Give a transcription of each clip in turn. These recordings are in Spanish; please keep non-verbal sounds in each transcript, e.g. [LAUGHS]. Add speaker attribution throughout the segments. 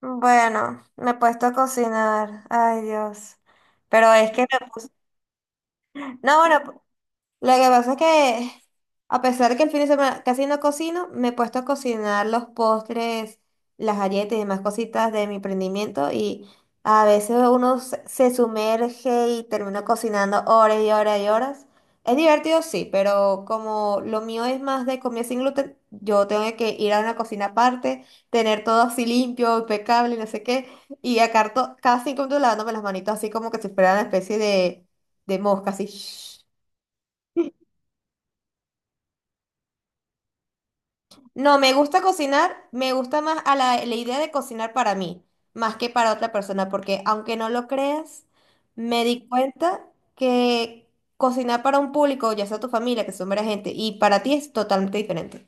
Speaker 1: Bueno, me he puesto a cocinar. Ay, Dios. Pero es que me puse. No, bueno, lo que pasa es que, a pesar de que el fin de semana casi no cocino, me he puesto a cocinar los postres, las galletas y demás cositas de mi emprendimiento. Y a veces uno se sumerge y termina cocinando horas y horas y horas. Es divertido, sí, pero como lo mío es más de comida sin gluten, yo tengo que ir a una cocina aparte, tener todo así limpio, impecable, no sé qué, y acá cada 5 minutos lavándome las manitos así como que si fuera una especie de, mosca, así. No, me gusta cocinar, me gusta más a la idea de cocinar para mí, más que para otra persona, porque aunque no lo creas, me di cuenta que cocinar para un público, ya sea tu familia, que son varias gente, y para ti es totalmente diferente.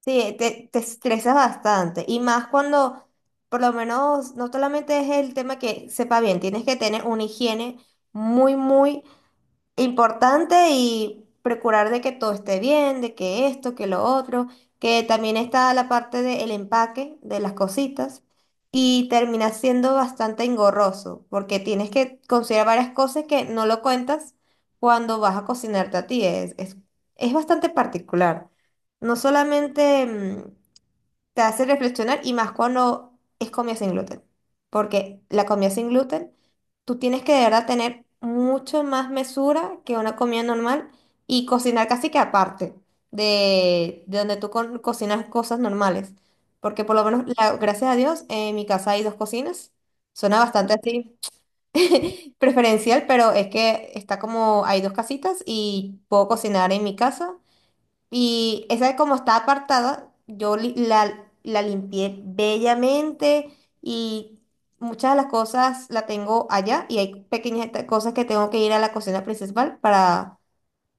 Speaker 1: Sí, te estresas bastante, y más cuando, por lo menos, no solamente es el tema que sepa bien, tienes que tener una higiene muy, muy importante, y procurar de que todo esté bien, de que esto, que lo otro, que también está la parte del empaque de las cositas, y termina siendo bastante engorroso porque tienes que considerar varias cosas que no lo cuentas cuando vas a cocinarte a ti. Es bastante particular. No solamente te hace reflexionar, y más cuando es comida sin gluten, porque la comida sin gluten, tú tienes que de verdad tener mucho más mesura que una comida normal y cocinar casi que aparte de, donde tú cocinas cosas normales. Porque por lo menos, gracias a Dios, en mi casa hay dos cocinas. Suena bastante así [LAUGHS] preferencial, pero es que está como, hay dos casitas y puedo cocinar en mi casa, y esa como está apartada, yo la limpié bellamente, y muchas de las cosas la tengo allá, y hay pequeñas cosas que tengo que ir a la cocina principal para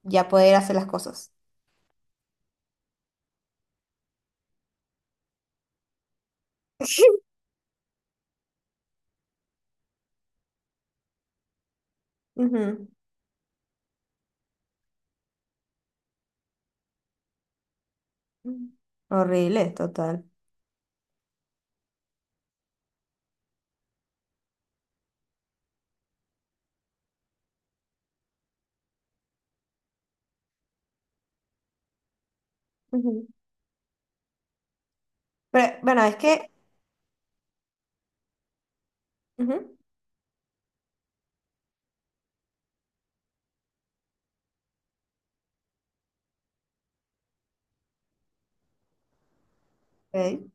Speaker 1: ya poder hacer las cosas. [LAUGHS] Ujú. Horrible, total. Ujú. Pero bueno, es que... Ujú. Ok.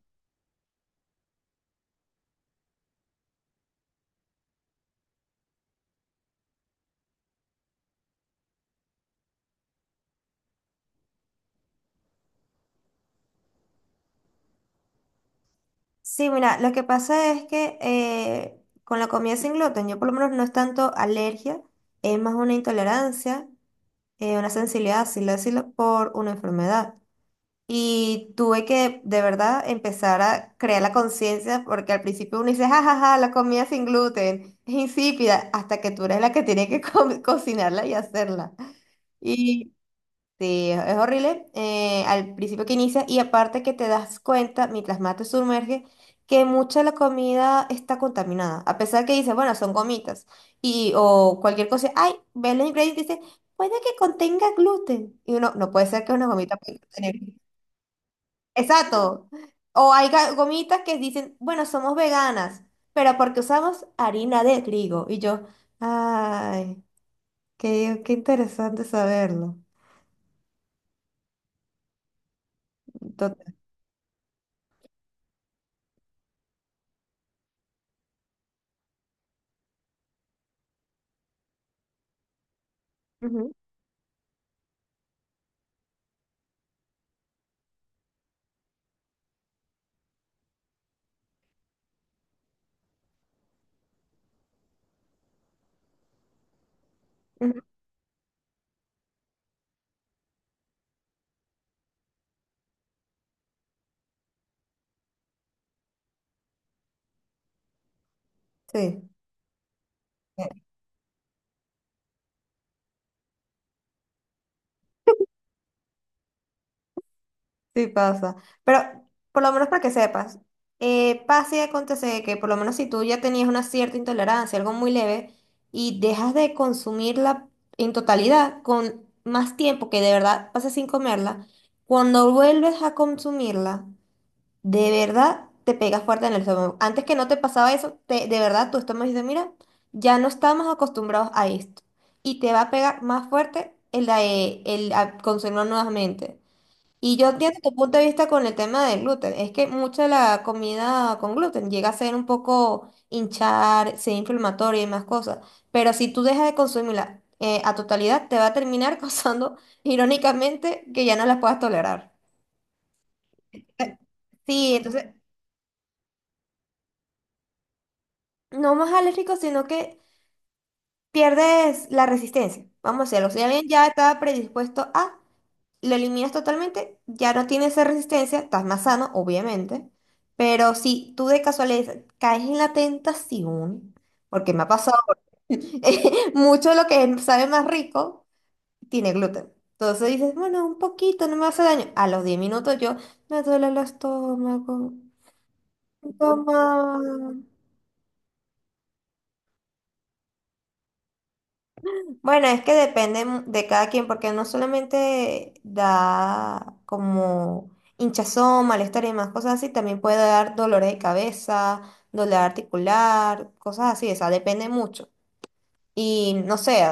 Speaker 1: Sí, mira, lo que pasa es que con la comida sin gluten, yo por lo menos no es tanto alergia, es más una intolerancia. Una sensibilidad, así decirlo, por una enfermedad. Y tuve que de verdad empezar a crear la conciencia, porque al principio uno dice, jajaja, la comida sin gluten es insípida, hasta que tú eres la que tiene que [LAUGHS] cocinarla y hacerla. Sí, es horrible. Al principio que inicia, y aparte que te das cuenta, mientras más te sumerges, que mucha de la comida está contaminada. A pesar que dices, bueno, son gomitas y, o cualquier cosa, ay, ves los ingredientes y dice, puede que contenga gluten. Y uno, no puede ser que una gomita pueda contener. Exacto. O hay gomitas que dicen, bueno, somos veganas, pero porque usamos harina de trigo. Y yo, ay, qué, qué interesante saberlo. Total. Sí, eh, sí pasa. Pero por lo menos para que sepas, pasa y acontece que por lo menos si tú ya tenías una cierta intolerancia, algo muy leve, y dejas de consumirla en totalidad con más tiempo que de verdad pasas sin comerla, cuando vuelves a consumirla, de verdad te pegas fuerte en el estómago. Antes que no te pasaba eso, de verdad tu estómago dice, mira, ya no estamos acostumbrados a esto. Y te va a pegar más fuerte el, el a consumirlo nuevamente. Y yo entiendo tu punto de vista con el tema del gluten. Es que mucha de la comida con gluten llega a ser un poco hinchar, ser inflamatoria y más cosas. Pero si tú dejas de consumirla a totalidad, te va a terminar [LAUGHS] causando, irónicamente, que ya no las puedas tolerar. Eh, Sí, entonces, no más alérgico, sino que pierdes la resistencia. Vamos a decirlo. Si alguien ya está predispuesto a, lo eliminas totalmente, ya no tienes esa resistencia, estás más sano, obviamente, pero si tú de casualidad caes en la tentación, porque me ha pasado, [LAUGHS] mucho de lo que sabe más rico tiene gluten. Entonces dices, bueno, un poquito, no me hace daño. A los 10 minutos yo me duele el estómago. Toma. Bueno, es que depende de cada quien, porque no solamente da como hinchazón, malestar y demás cosas así, también puede dar dolores de cabeza, dolor articular, cosas así, o sea, depende mucho. Y no sé,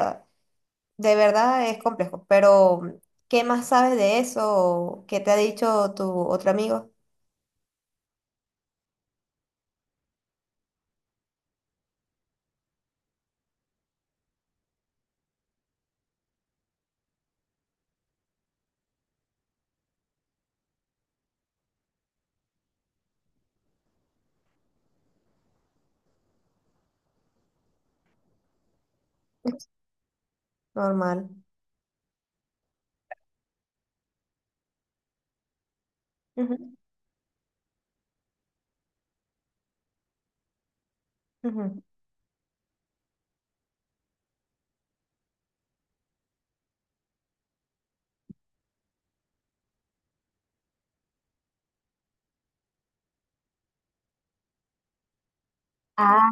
Speaker 1: de verdad es complejo, pero ¿qué más sabes de eso? ¿Qué te ha dicho tu otro amigo? [LAUGHS] Normal. Ujú, ujú. Ah,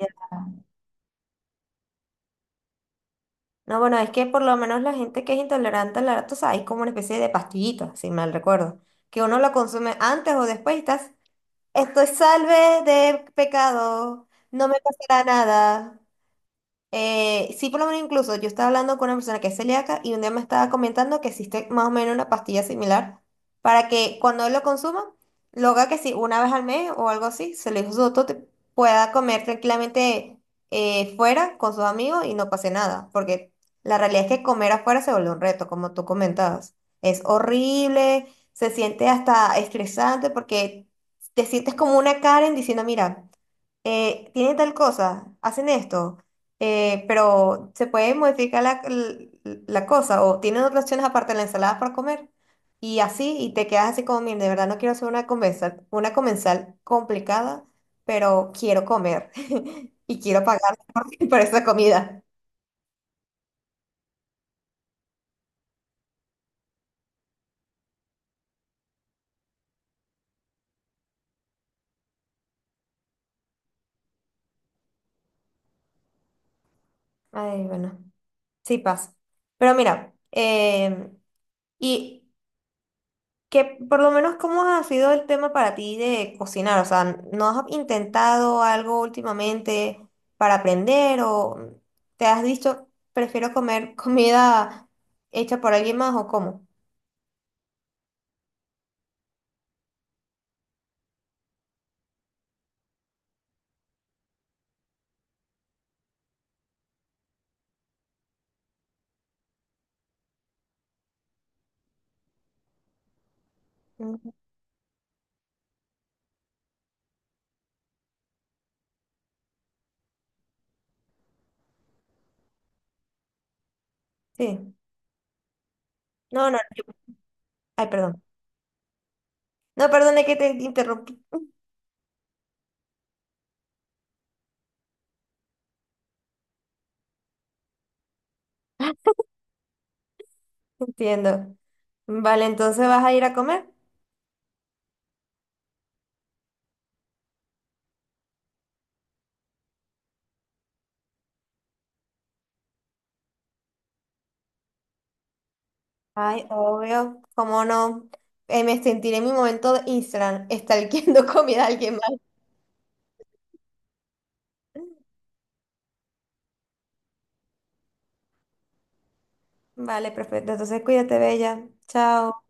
Speaker 1: ya. No, bueno, es que por lo menos la gente que es intolerante al lactosa sabes, es como una especie de pastillita, si mal recuerdo, que uno la consume antes o después y estás, estoy salve de pecado, no me pasará nada. Sí, por lo menos incluso yo estaba hablando con una persona que es celíaca, y un día me estaba comentando que existe más o menos una pastilla similar para que cuando él lo consuma, lo haga que si una vez al mes o algo así, se lo dijo su doctor, pueda comer tranquilamente fuera con sus amigos y no pase nada, porque la realidad es que comer afuera se vuelve un reto, como tú comentabas. Es horrible, se siente hasta estresante porque te sientes como una Karen diciendo, mira, tiene tal cosa, hacen esto, pero se puede modificar la cosa, o tienen otras opciones aparte de la ensalada para comer. Y así, y te quedas así como, mira, de verdad no quiero hacer una comensal complicada, pero quiero comer [LAUGHS] y quiero pagar [LAUGHS] por, esa comida. Ay, bueno, sí pasa. Pero mira, y que por lo menos, ¿cómo ha sido el tema para ti de cocinar? O sea, ¿no has intentado algo últimamente para aprender, o te has dicho, prefiero comer [LAUGHS] comida hecha por alguien más, o cómo? Mm, sí. No, no, ay, perdón. No, perdón, que te interrumpí. [LAUGHS] Entiendo. Vale, entonces vas a ir a comer. Ay, obvio, cómo no. Me sentiré en mi momento de Instagram, estalqueando [LAUGHS] comida a alguien más. Vale, perfecto. Entonces cuídate, bella. Chao.